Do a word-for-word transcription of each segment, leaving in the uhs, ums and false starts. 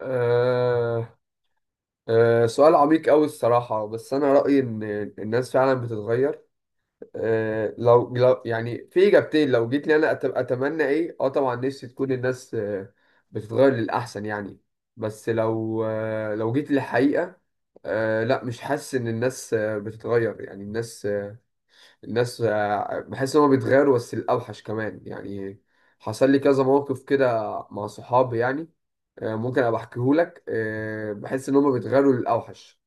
آه آه سؤال عميق أوي الصراحة، بس أنا رأيي إن الناس فعلا بتتغير. آه لو, لو يعني في إجابتين، لو جيت لي أنا أت- أتمنى إيه. أه طبعا نفسي تكون الناس آه بتتغير للأحسن يعني. بس لو، آه لو جيت للحقيقة، آه لا مش حاسس إن الناس آه بتتغير يعني. الناس آه الناس آه بحس إن هما بيتغيروا بس الأوحش كمان يعني. حصل لي كذا موقف كده مع صحابي يعني. آه، ممكن ابقى احكيهولك. آه، بحس ان هم بيتغيروا للاوحش.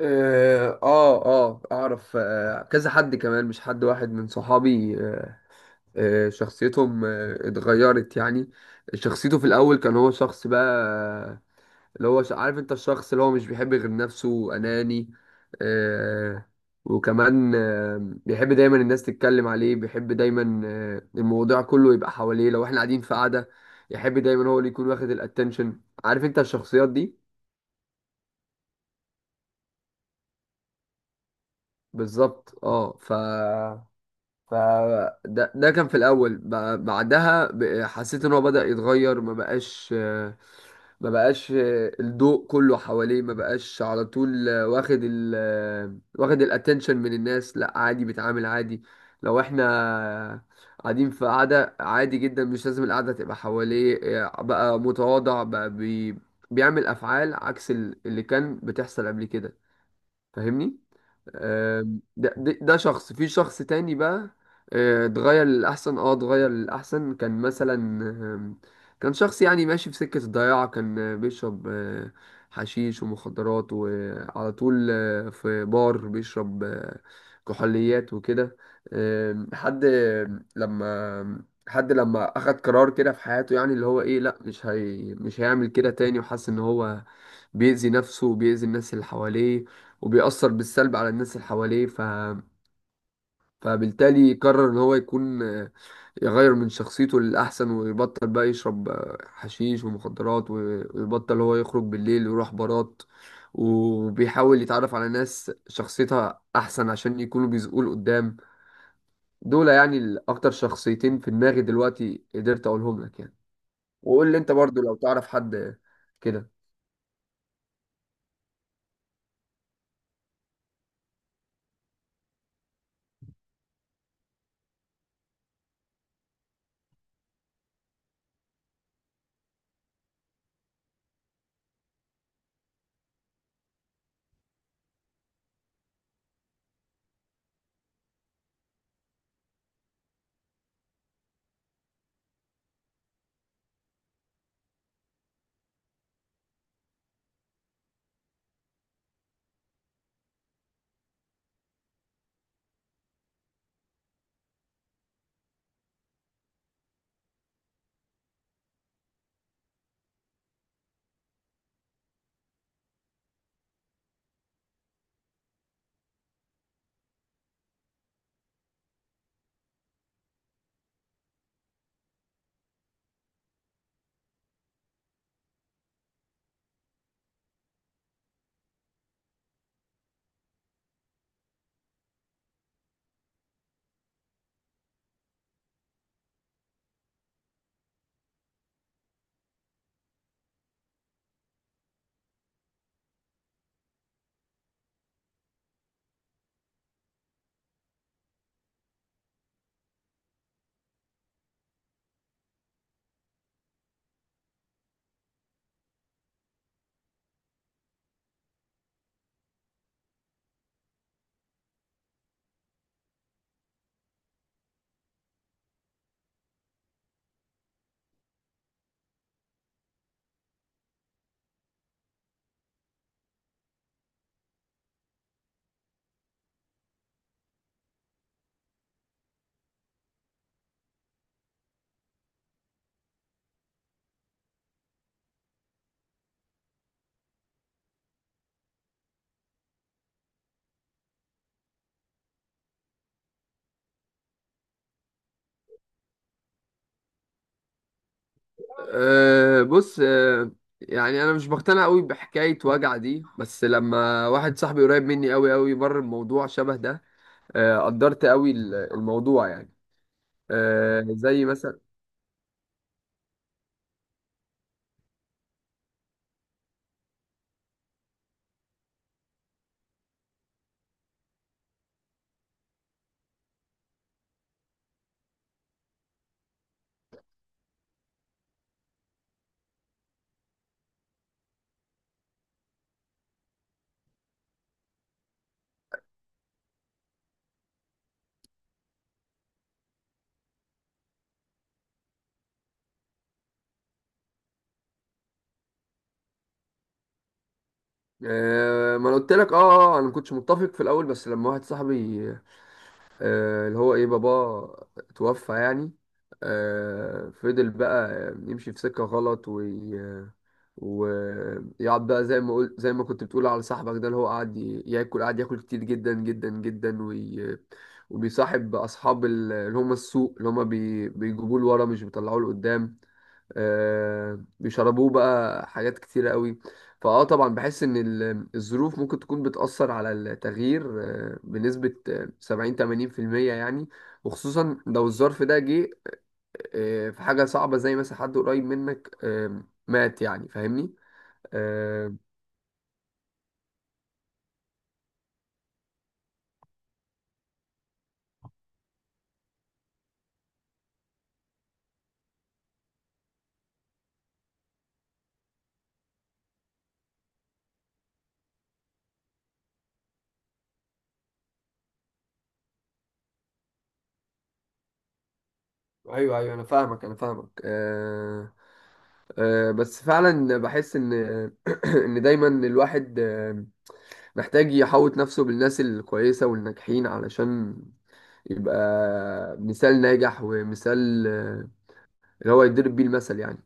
اه اه آه، اعرف آه، كذا حد، كمان مش حد واحد، من صحابي. آه، آه، شخصيتهم آه، اتغيرت يعني. شخصيته في الاول كان هو شخص بقى، اللي هو ش- عارف انت الشخص اللي هو مش بيحب غير نفسه، اناني. آه وكمان آه بيحب دايما الناس تتكلم عليه، بيحب دايما، آه الموضوع كله يبقى حواليه. لو احنا قاعدين في قعدة، يحب دايما هو اللي يكون واخد الاتنشن. عارف انت الشخصيات دي؟ بالظبط. اه ف ف ده ده كان في الاول. ب- بعدها ب- حسيت ان هو بدأ يتغير، ما بقاش، آه، ما بقاش الضوء كله حواليه، ما بقاش على طول واخد ال واخد الاتنشن من الناس. لا عادي، بيتعامل عادي. لو احنا قاعدين في قعدة عادي جدا، مش لازم القعدة تبقى حواليه. آه، بقى متواضع، بقى بي بيعمل افعال عكس ال- اللي كان بتحصل قبل كده. فاهمني؟ آم، ده, ده, ده شخص في شخص تاني بقى. آه، اتغير للأحسن. اه اتغير للأحسن كان مثلا، آم، كان شخص يعني ماشي في سكة الضياع. كان آه، بيشرب آه، حشيش ومخدرات، وعلى طول آه، في بار بيشرب آه، كحوليات وكده. آم، حد آم، لما حد لما أخد قرار كده في حياته، يعني اللي هو ايه، لأ مش هي مش هيعمل كده تاني. وحس ان هو بيأذي نفسه وبيأذي الناس اللي حواليه، وبيأثر بالسلب على الناس اللي حواليه. ف... فبالتالي قرر ان هو يكون، آه، يغير من شخصيته للأحسن، ويبطل بقى يشرب آه، حشيش ومخدرات، و- ويبطل هو يخرج بالليل ويروح بارات، وبيحاول يتعرف على ناس شخصيتها أحسن عشان يكونوا بيزقوه لقدام. دول يعني الأكتر شخصيتين في دماغي دلوقتي قدرت أقولهم لك يعني. وقول لي أنت برضو لو تعرف حد كده. أه بص أه يعني انا مش بقتنع قوي بحكايه وجع دي، بس لما واحد صاحبي قريب مني قوي قوي مر بموضوع شبه ده، أه قدرت قوي ال- الموضوع يعني. أه زي مثلا. أه ما انا قلت لك. اه آه، آه، انا ما كنتش متفق في الاول، بس لما واحد صاحبي، أه اللي هو ايه، باباه توفى يعني. أه فضل بقى يمشي في سكه غلط، ويقعد بقى زي ما قلت، زي ما كنت بتقول على صاحبك ده اللي هو قاعد ي- ياكل، قاعد ياكل كتير جدا جدا جدا، وي... وبيصاحب اصحاب ال- اللي هم السوق، اللي هم بي... بيجيبوه لورا، مش بيطلعوه لقدام. آه... بيشربوه بقى حاجات كتيرة قوي. فاه طبعا بحس ان ال- الظروف ممكن تكون بتأثر على التغيير آه، بنسبة آه، سبعين ثمانين في المية يعني. وخصوصا لو الظرف ده جه آه، في حاجة صعبة، زي مثلا حد قريب منك آه، مات يعني. فاهمني؟ آه، ايوه ايوه، انا فاهمك انا فاهمك. آه، آه، بس فعلا بحس ان ان دايما الواحد آه، محتاج يحوط نفسه بالناس الكويسه والناجحين، علشان يبقى مثال ناجح، ومثال آه، اللي هو يضرب بيه المثل يعني.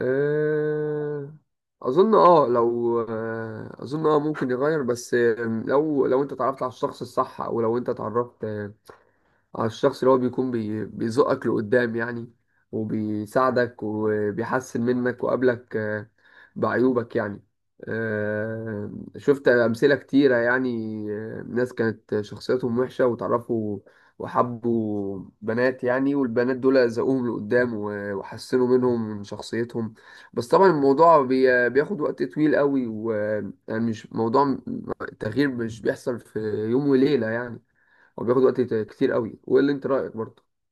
آه، اظن اه لو آه، اظن اه ممكن يغير، بس آه، لو لو انت اتعرفت على الشخص الصح، او لو انت اتعرفت على الشخص اللي هو بيكون بي... بيزقك لقدام يعني، وبيساعدك، وبيحسن منك، وقابلك آه، بعيوبك يعني. آه، شفت أمثلة كتيرة يعني. آه، ناس كانت شخصيتهم وحشة وتعرفوا وحبوا بنات يعني، والبنات دول زقوهم لقدام و- وحسنوا منهم، من شخصيتهم. بس طبعا الموضوع بي- بياخد وقت طويل قوي، ويعني مش موضوع. التغيير مش بيحصل في يوم وليلة يعني. هو بياخد وقت كتير قوي. وايه اللي انت رايك برضه؟